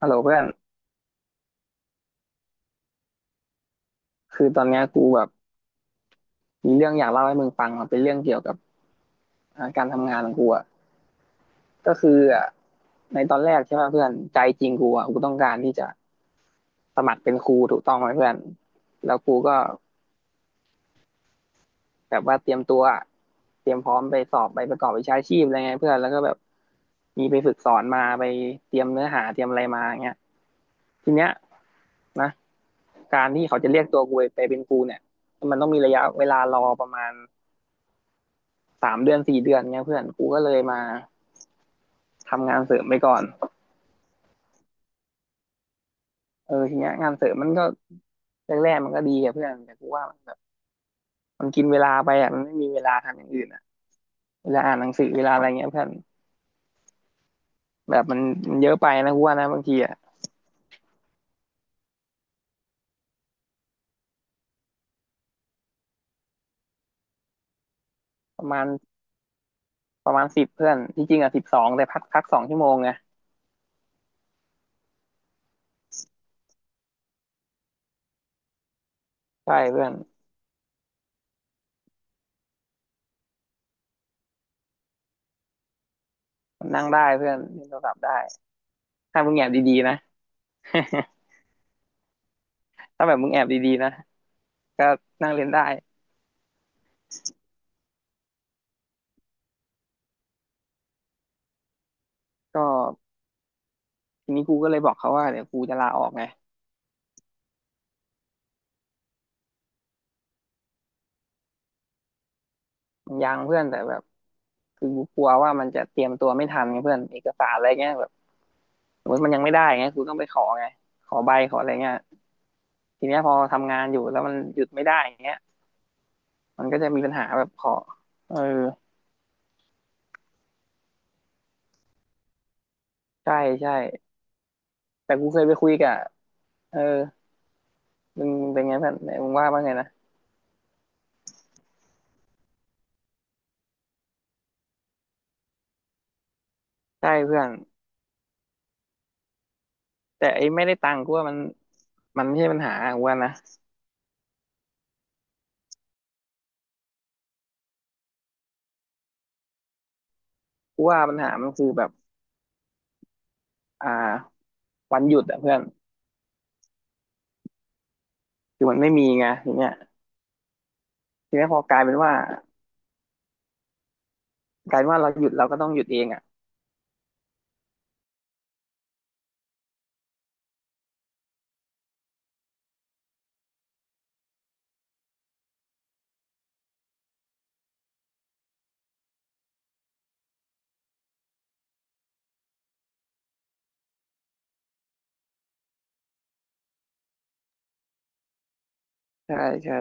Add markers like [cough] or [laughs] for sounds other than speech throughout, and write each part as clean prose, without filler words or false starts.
ฮัลโหลเพื่อนคือตอนเนี้ยกูแบบมีเรื่องอยากเล่าให้มึงฟังมันเป็นเรื่องเกี่ยวกับการทำงานของกูอ่ะก็คืออ่ะในตอนแรกใช่ป่ะเพื่อนใจจริงกูอ่ะกูต้องการที่จะสมัครเป็นครูถูกต้องไหมเพื่อนแล้วกูก็แบบว่าเตรียมตัวอะเตรียมพร้อมไปสอบไปประกอบวิชาชีพอะไรไงเพื่อนแล้วก็แบบมีไปฝึกสอนมาไปเตรียมเนื้อหาเตรียมอะไรมาอย่างเงี้ยทีเนี้ยนะการที่เขาจะเรียกตัวกูไปเป็นครูเนี่ยมันต้องมีระยะเวลารอประมาณ 3 เดือน 4 เดือนเงี้ยเพื่อนกูก็เลยมาทำงานเสริมไปก่อนเออทีเนี้ยงานเสริมมันก็แรกๆมันก็ดีอะเพื่อนแต่กูว่ามันแบบมันกินเวลาไปอะมันไม่มีเวลาทำอย่างอื่นอะเวลาอ่านหนังสือเวลาอะไรเงี้ยเพื่อนแบบมันมันเยอะไปนะกูว่านะบางทีอะประมาณประมาณสิบเพื่อนที่จริงอะสิบสองแต่พัก2 ชั่วโมงไงใช่เพื่อนมันนั่งได้เพื่อนเล่นโทรศัพท์ได้ถ้ามึงแอบดีๆนะ [laughs] ถ้าแบบมึงแอบดีๆนะก็นั่งเล่นได้ก็ทีนี้กูก็เลยบอกเขาว่าเดี๋ยวกูจะลาออกไงมันยังเพื่อนแต่แบบ คือกูกลัวว่ามันจะเตรียมตัวไม่ทันไงเพื่อนเอกสารอะไรเงี้ยแบบสมมติมันยังไม่ได้เงี้ยกูต้องไปขอไงขอใบขออะไรเงี้ยทีเนี้ยพอทำงานอยู่แล้วมันหยุดไม่ได้อย่างเงี้ยมันก็จะมีปัญหาแบบขอเออใช่ใช่แต่กูเคยไปคุยกับเออมึงเป็นไงเพื่อนมึงว่าบ่าไงนะใช่เพื่อนแต่ไอ้ไม่ได้ตังค์กูว่ามันมันไม่ใช่ปัญหากูว่านะกูว่าปัญหามันคือแบบอ่าวันหยุดอะเพื่อนคือมันไม่มีไงทยเนี้ยทีเนี้ยพอกลายเป็นว่ากลายเป็นว่าเราหยุดเราก็ต้องหยุดเองอะใช่ใช่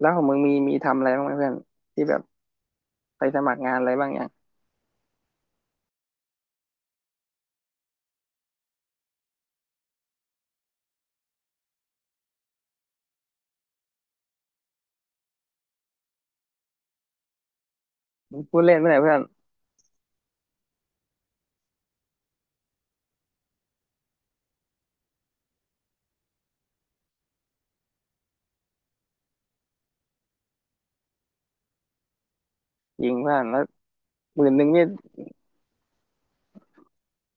แล้วของมึงมีมีทำอะไรบ้างไหมเพื่อนที่แบบไปสมัครงานอะไรบ้างอย่างพูดเล่นไม่ไหนเพื่อนยิงเพื่อนแล้ว11,000นี่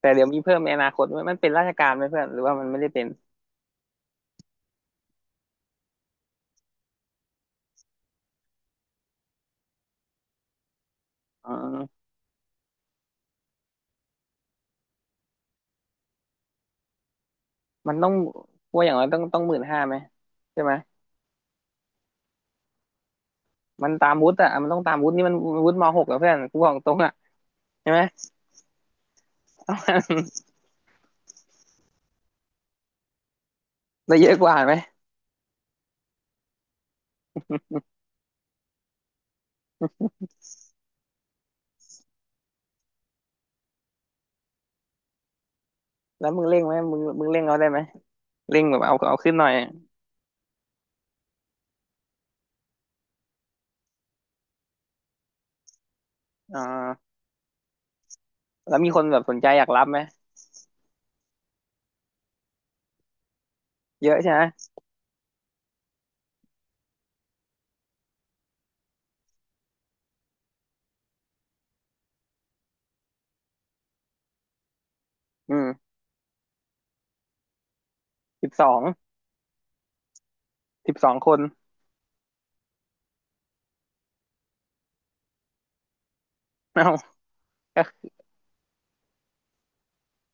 แต่เดี๋ยวมีเพิ่มในอนาคตไหมมันเป็นราชการไหมเพื่อนหรือว่ามันไม่ได้เป็นอ๋อมันต้องว่าอย่างไรต้อง15,000ไหมใช่ไหมมันตามวุฒิอ่ะมันต้องตามวุฒินี่มันวุฒิมหกอะเพื่อนกูบอกตรงอ่ะใช่ไหมได้เยอะกว่าไหมแล้วมึงเร่งไหมมึงเร่งเอาได้ไหมเร่งแบบเอาขึ้นหน่อยอ่าแล้วมีคนแบบสนใจอยากรับไหมเยอะใช่ไหมอืมสิบสองสิบสองคน [laughs] เอาก็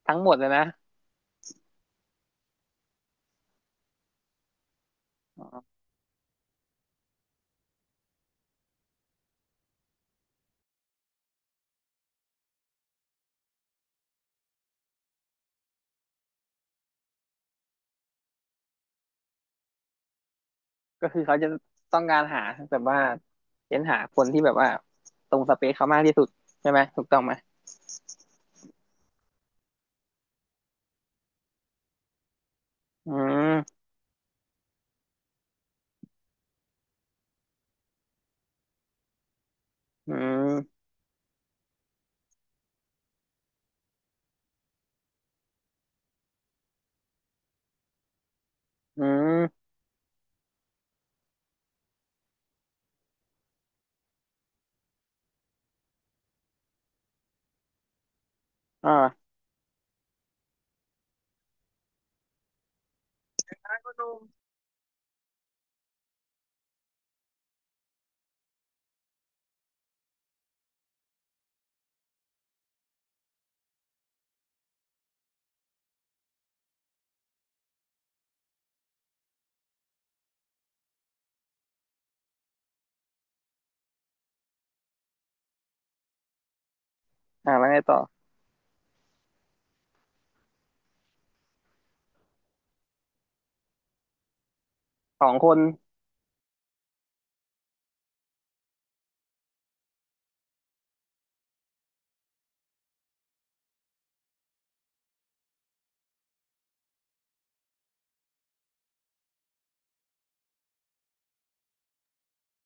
ทั้งหมดเลยนะ อ๋อก็คือเขาจะต้องการหาแบบว่าเน้นหาคนที่แบบว่าตรงสเปคเขามากที่สุดใช่ไหมถูกต้องไหมอืมอืมอืมอ่าอ่าแล้วไงต่อสองคน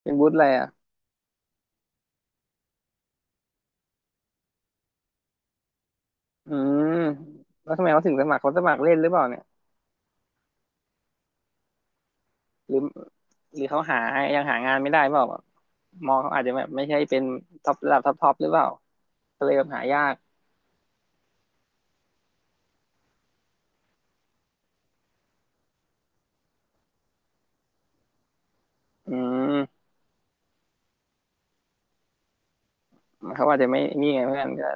เป็นบุฒอะไรอ่ะอืมแล้วทำไมเขาถึงสมัครเขาสมัครเล่นหรือเปล่าเนี่ยหรือหรือเขาหายังหางานไม่ได้เปล่าแบบมองเขาอาจจะแบบไม่ใช่เป็นท็อประดับท็อปท็อปหรือเปล่าก็เลยแบบหายากอืมเขาอาจจะไม่นี่ไงเพื่อนก็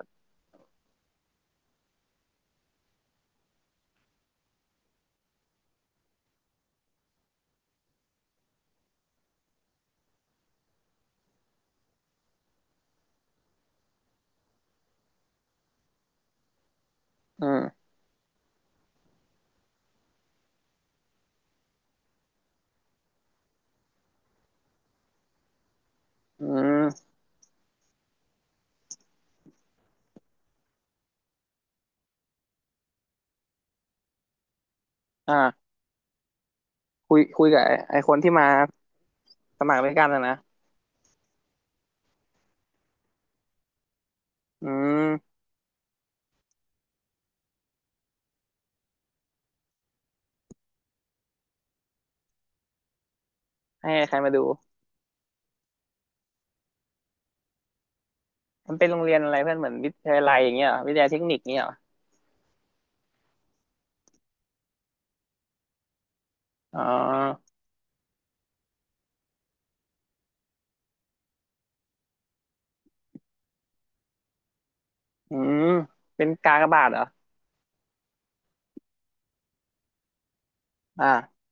อืมอืมอ่าคุยกับไอ้คนที่มา สมัครไม่กล้านอะนะอืมให้ใครมาดูมันเป็นโรงเรียนอะไรเพื่อนเหมือนวิทยาลัยอย่างเงี้ยเหรอวิทยาลัยเทคนิคเงี้ยเหรออ๋ออืมเป็นกากบาทเหรออ่า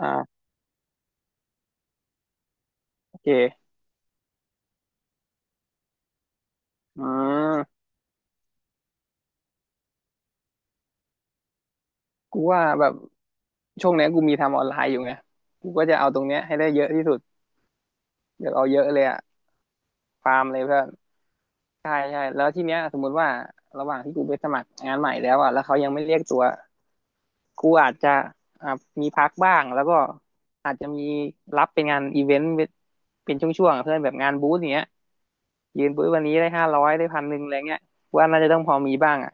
อ่าโอเคอืมกูว่าแบบช่วงเนี้ยกูมีทำออนไลน์อยู่ไงกูก็จะเอาตรงเนี้ยให้ได้เยอะที่สุดอยากเอาเยอะเลยอะฟาร์มเลยเพื่อนใช่ใช่แล้วทีเนี้ยสมมุติว่าระหว่างที่กูไปสมัครงานใหม่แล้วอะแล้วเขายังไม่เรียกตัว ครูอาจจะอ่ามีพักบ้างแล้วก็อาจจะมีรับเป็นงานอีเวนต์เป็นช่วงๆอะเพื่อนแบบงานบูธอย่างเงี้ยยืนบูธวันนี้ได้500ได้1,100อะไรเงี้ยว่าน่าจะต้องพอมีบ้างอ่ะ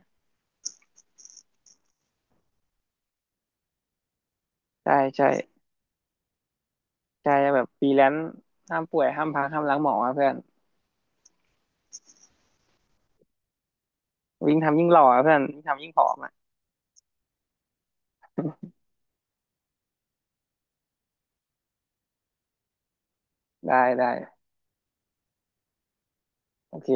ใช่ใช่ใช่แบบฟรีแลนซ์ห้ามป่วยห้ามพักห้ามล้างหมออะเพื่อนวิ่งทำยิ่งหล่ออะเพื่อนวิ่งทำยิ่งผอมอ่ะได้ได้โอเค